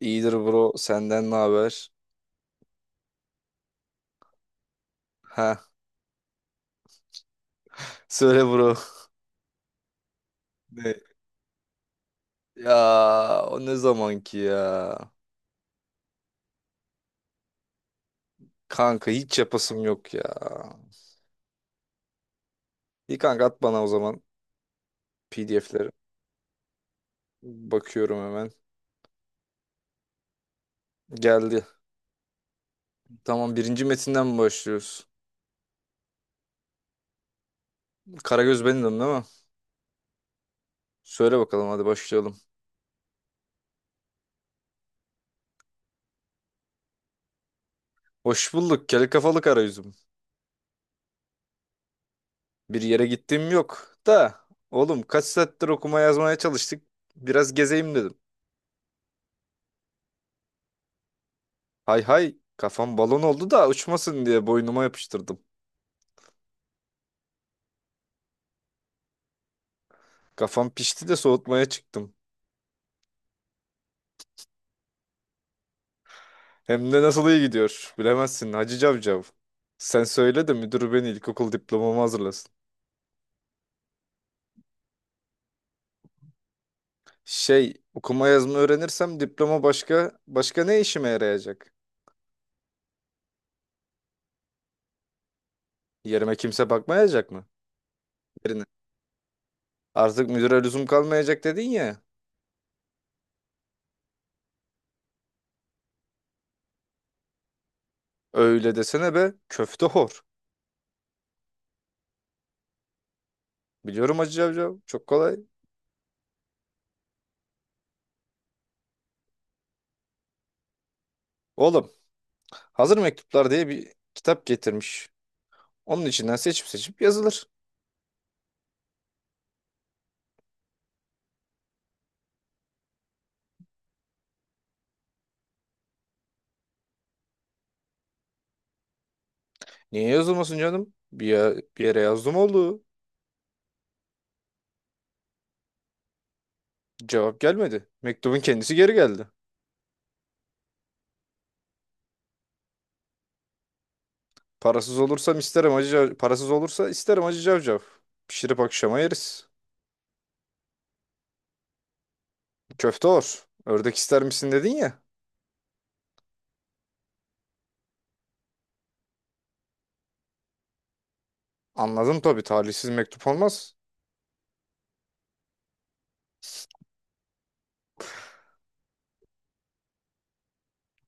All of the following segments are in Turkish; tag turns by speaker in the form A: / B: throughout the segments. A: İyidir bro. Senden ne haber? Ha, söyle bro. Ne? Ya o ne zamanki ya? Kanka hiç yapasım yok ya. İyi kanka at bana o zaman PDF'leri. Bakıyorum hemen. Geldi. Tamam, birinci metinden mi başlıyoruz? Karagöz benimdim değil mi? Söyle bakalım, hadi başlayalım. Hoş bulduk kel kafalı karagözüm. Bir yere gittiğim yok da. Oğlum, kaç saattir okuma yazmaya çalıştık. Biraz gezeyim dedim. Hay hay, kafam balon oldu da uçmasın diye boynuma yapıştırdım. Kafam pişti de soğutmaya çıktım. Hem de nasıl iyi gidiyor bilemezsin Hacı Cavcav. Sen söyle de müdür beni ilkokul diplomamı hazırlasın. Okuma yazma öğrenirsem diploma başka başka ne işime yarayacak? Yerime kimse bakmayacak mı? Yerine. Artık müdüre lüzum kalmayacak dedin ya. Öyle desene be köfte hor. Biliyorum Hacı Cavcav, çok kolay. Oğlum hazır mektuplar diye bir kitap getirmiş. Onun içinden seçip seçip yazılır. Niye yazılmasın canım? Bir, bir yere yazdım oldu. Cevap gelmedi. Mektubun kendisi geri geldi. Parasız olursam isterim acı parasız olursa isterim acı cavcav. Pişirip akşama yeriz. Köfte olur. Ördek ister misin dedin ya. Anladım, tabii talihsiz mektup olmaz.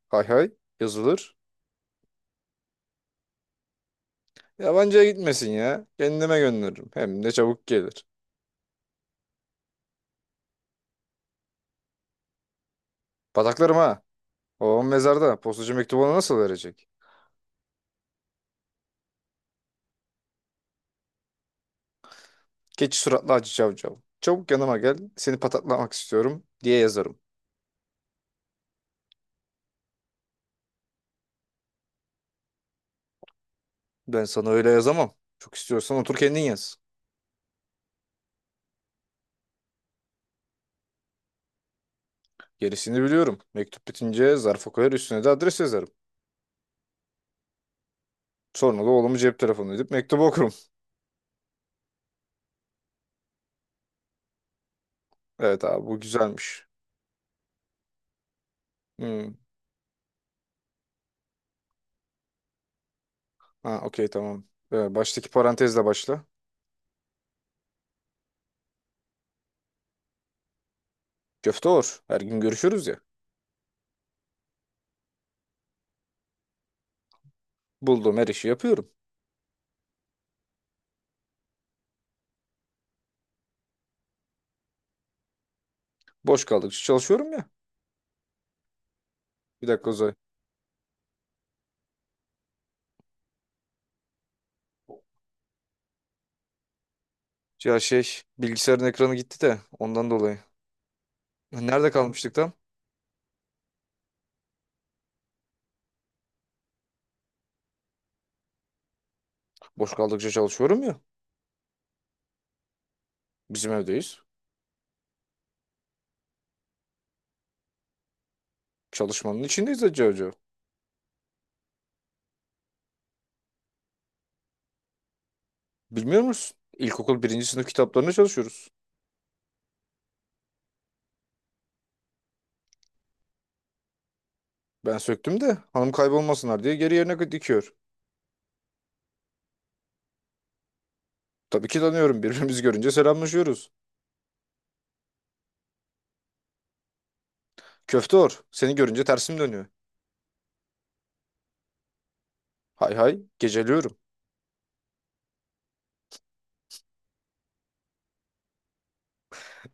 A: Hay hay, yazılır. Yabancıya gitmesin ya. Kendime gönderirim. Hem de çabuk gelir. Bataklarım ha. Babam mezarda. Postacı mektubu ona nasıl verecek? Geç suratlı acı cavcav. Çabuk yanıma gel. Seni patatlamak istiyorum diye yazarım. Ben sana öyle yazamam. Çok istiyorsan otur kendin yaz. Gerisini biliyorum. Mektup bitince zarfa koyar, üstüne de adres yazarım. Sonra da oğlumu cep telefonu edip mektubu okurum. Evet abi, bu güzelmiş. Hmm. Ha, okey, tamam. Baştaki parantezle başla. Köfte olur. Her gün görüşürüz ya. Bulduğum her işi yapıyorum. Boş kaldıkça çalışıyorum ya. Bir dakika Uzay. Ya bilgisayarın ekranı gitti de ondan dolayı. Nerede kalmıştık tam? Boş kaldıkça çalışıyorum ya. Bizim evdeyiz. Çalışmanın içindeyiz Hacı Hoca. Bilmiyor musun? İlkokul birinci sınıf kitaplarına çalışıyoruz. Ben söktüm de hanım kaybolmasınlar diye geri yerine dikiyor. Tabii ki tanıyorum. Birbirimizi görünce selamlaşıyoruz. Köfte or. Seni görünce tersim dönüyor. Hay hay. Geceliyorum.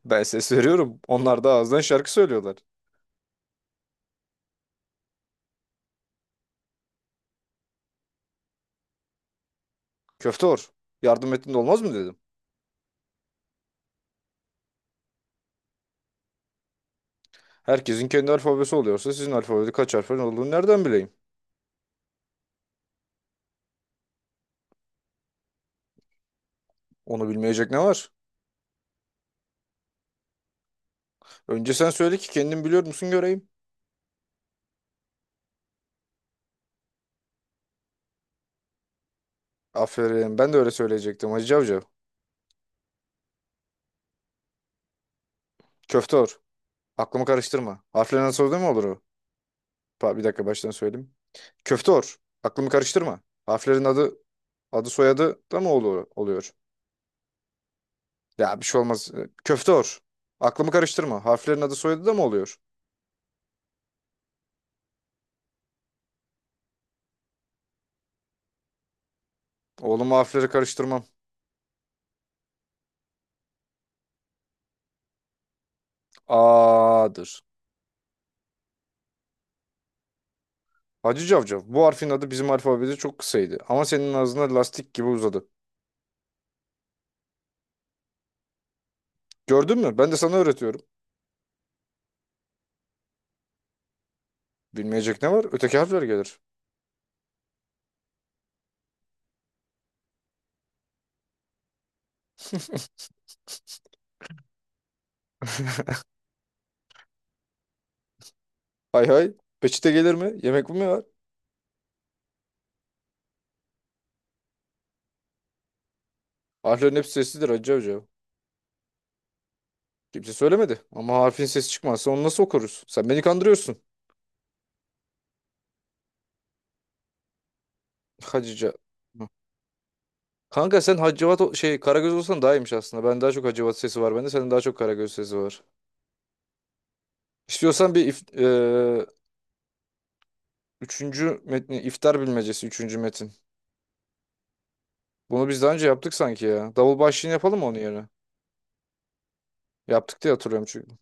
A: Ben ses veriyorum. Onlar da ağızdan şarkı söylüyorlar. Köfte or. Yardım ettin de olmaz mı dedim. Herkesin kendi alfabesi oluyorsa sizin alfabede kaç harfin olduğunu nereden bileyim? Onu bilmeyecek ne var? Önce sen söyle ki kendin biliyor musun göreyim. Aferin. Ben de öyle söyleyecektim Hacı Avcı. Köfteor. Aklımı karıştırma. Harflerin adı soruda mı olur o? Bir dakika baştan söyleyeyim. Köfteor. Aklımı karıştırma. Harflerin adı soyadı da mı olur, oluyor? Ya bir şey olmaz. Köfteor. Aklımı karıştırma. Harflerin adı soyadı da mı oluyor? Oğlum harfleri karıştırmam. A'dır. Hacı Cavcav. Bu harfin adı bizim alfabede çok kısaydı. Ama senin ağzına lastik gibi uzadı. Gördün mü? Ben de sana öğretiyorum. Bilmeyecek ne var? Öteki harfler gelir. Hay hay. Peçete gelir mi? Yemek mi var? Harflerin hepsi sessizdir Hacı Hoca. Kimse söylemedi. Ama harfin sesi çıkmazsa onu nasıl okuruz? Sen beni kandırıyorsun. Hacıca. Hı. Kanka sen Hacivat Karagöz olsan daha iyiymiş aslında. Ben daha çok Hacivat sesi var bende. Senin daha çok Karagöz sesi var. İstiyorsan bir if, e, üçüncü metni, iftar bilmecesi üçüncü metin. Bunu biz daha önce yaptık sanki ya. Davul başlığını yapalım mı onun yerine? Yaptık diye hatırlıyorum çünkü.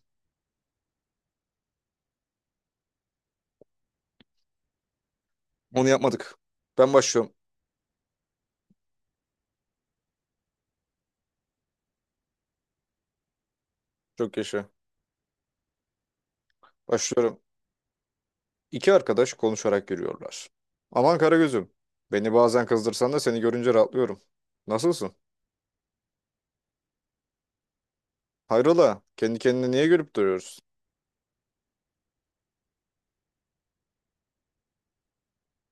A: Onu yapmadık. Ben başlıyorum. Çok yaşa. Başlıyorum. İki arkadaş konuşarak yürüyorlar. Aman Karagöz'üm, beni bazen kızdırsan da seni görünce rahatlıyorum. Nasılsın? Hayrola, kendi kendine niye gülüp duruyoruz?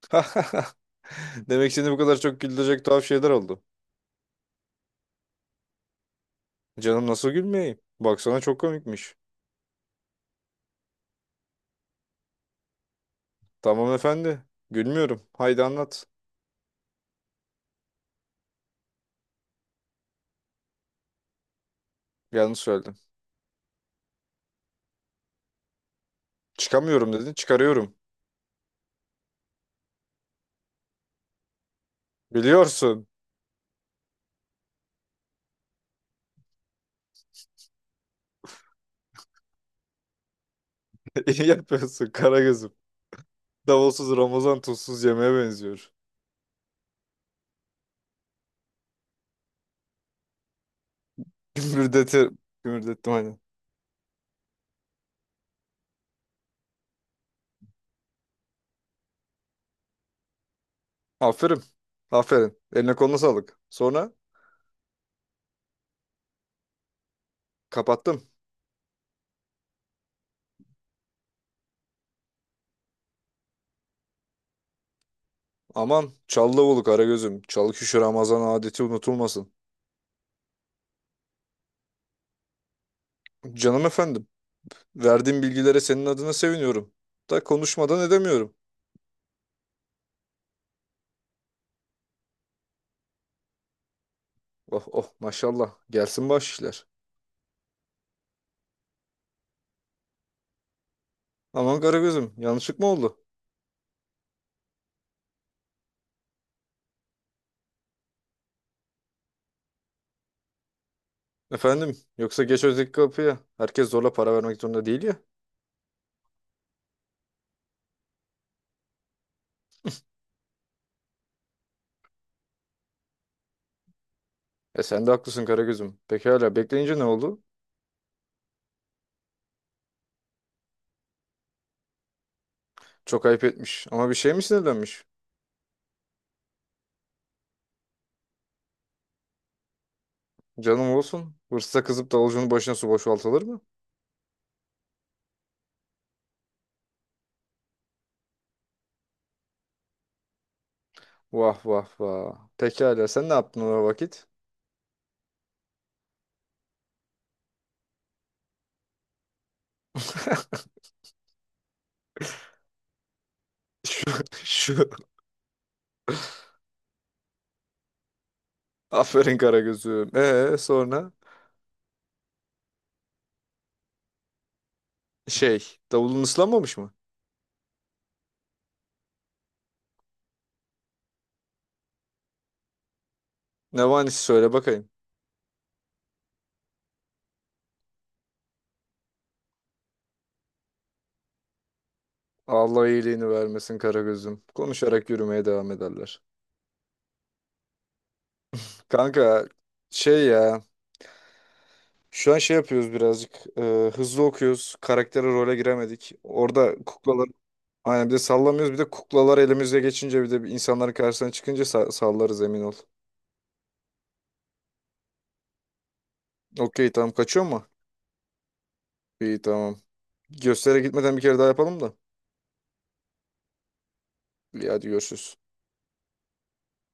A: Demek seni bu kadar çok güldürecek tuhaf şeyler oldu. Canım nasıl gülmeyeyim? Baksana çok komikmiş. Tamam efendi, gülmüyorum. Haydi anlat. Yanlış söyledim. Çıkamıyorum dedin, çıkarıyorum. Biliyorsun. İyi yapıyorsun Karagöz'üm. Davulsuz Ramazan tuzsuz yemeğe benziyor. Gümürdeti, gümürdettim. Aferin. Aferin. Eline koluna sağlık. Sonra kapattım. Aman Çallıoğlu Karagöz'üm. Çalıkuşu Ramazan adeti unutulmasın. Canım efendim. Verdiğim bilgilere senin adına seviniyorum. Da konuşmadan edemiyorum. Oh oh maşallah. Gelsin baş işler. Aman Karagöz'üm, yanlışlık mı oldu? Efendim yoksa geç öteki kapıya. Herkes zorla para vermek zorunda değil ya. E sen de haklısın Karagöz'üm. Pekala, bekleyince ne oldu? Çok ayıp etmiş. Ama bir şey mi sinirlenmiş? Canım olsun. Hırsıza kızıp davulcunun başına su boşaltılır mı? Vah vah vah. Pekala sen ne yaptın o vakit? Şu aferin Karagöz'üm. Sonra davulun ıslanmamış mı? Ne vanisi söyle bakayım. Allah iyiliğini vermesin Karagöz'üm. Konuşarak yürümeye devam ederler. Kanka şey ya şu an şey yapıyoruz birazcık hızlı okuyoruz. Karaktere role giremedik. Orada kuklalar aynen, bir de sallamıyoruz, bir de kuklalar elimize geçince, bir de insanların karşısına çıkınca sallarız emin ol. Okey tamam, kaçıyor mu? İyi tamam. Göstere gitmeden bir kere daha yapalım da. İyi, hadi görüşürüz.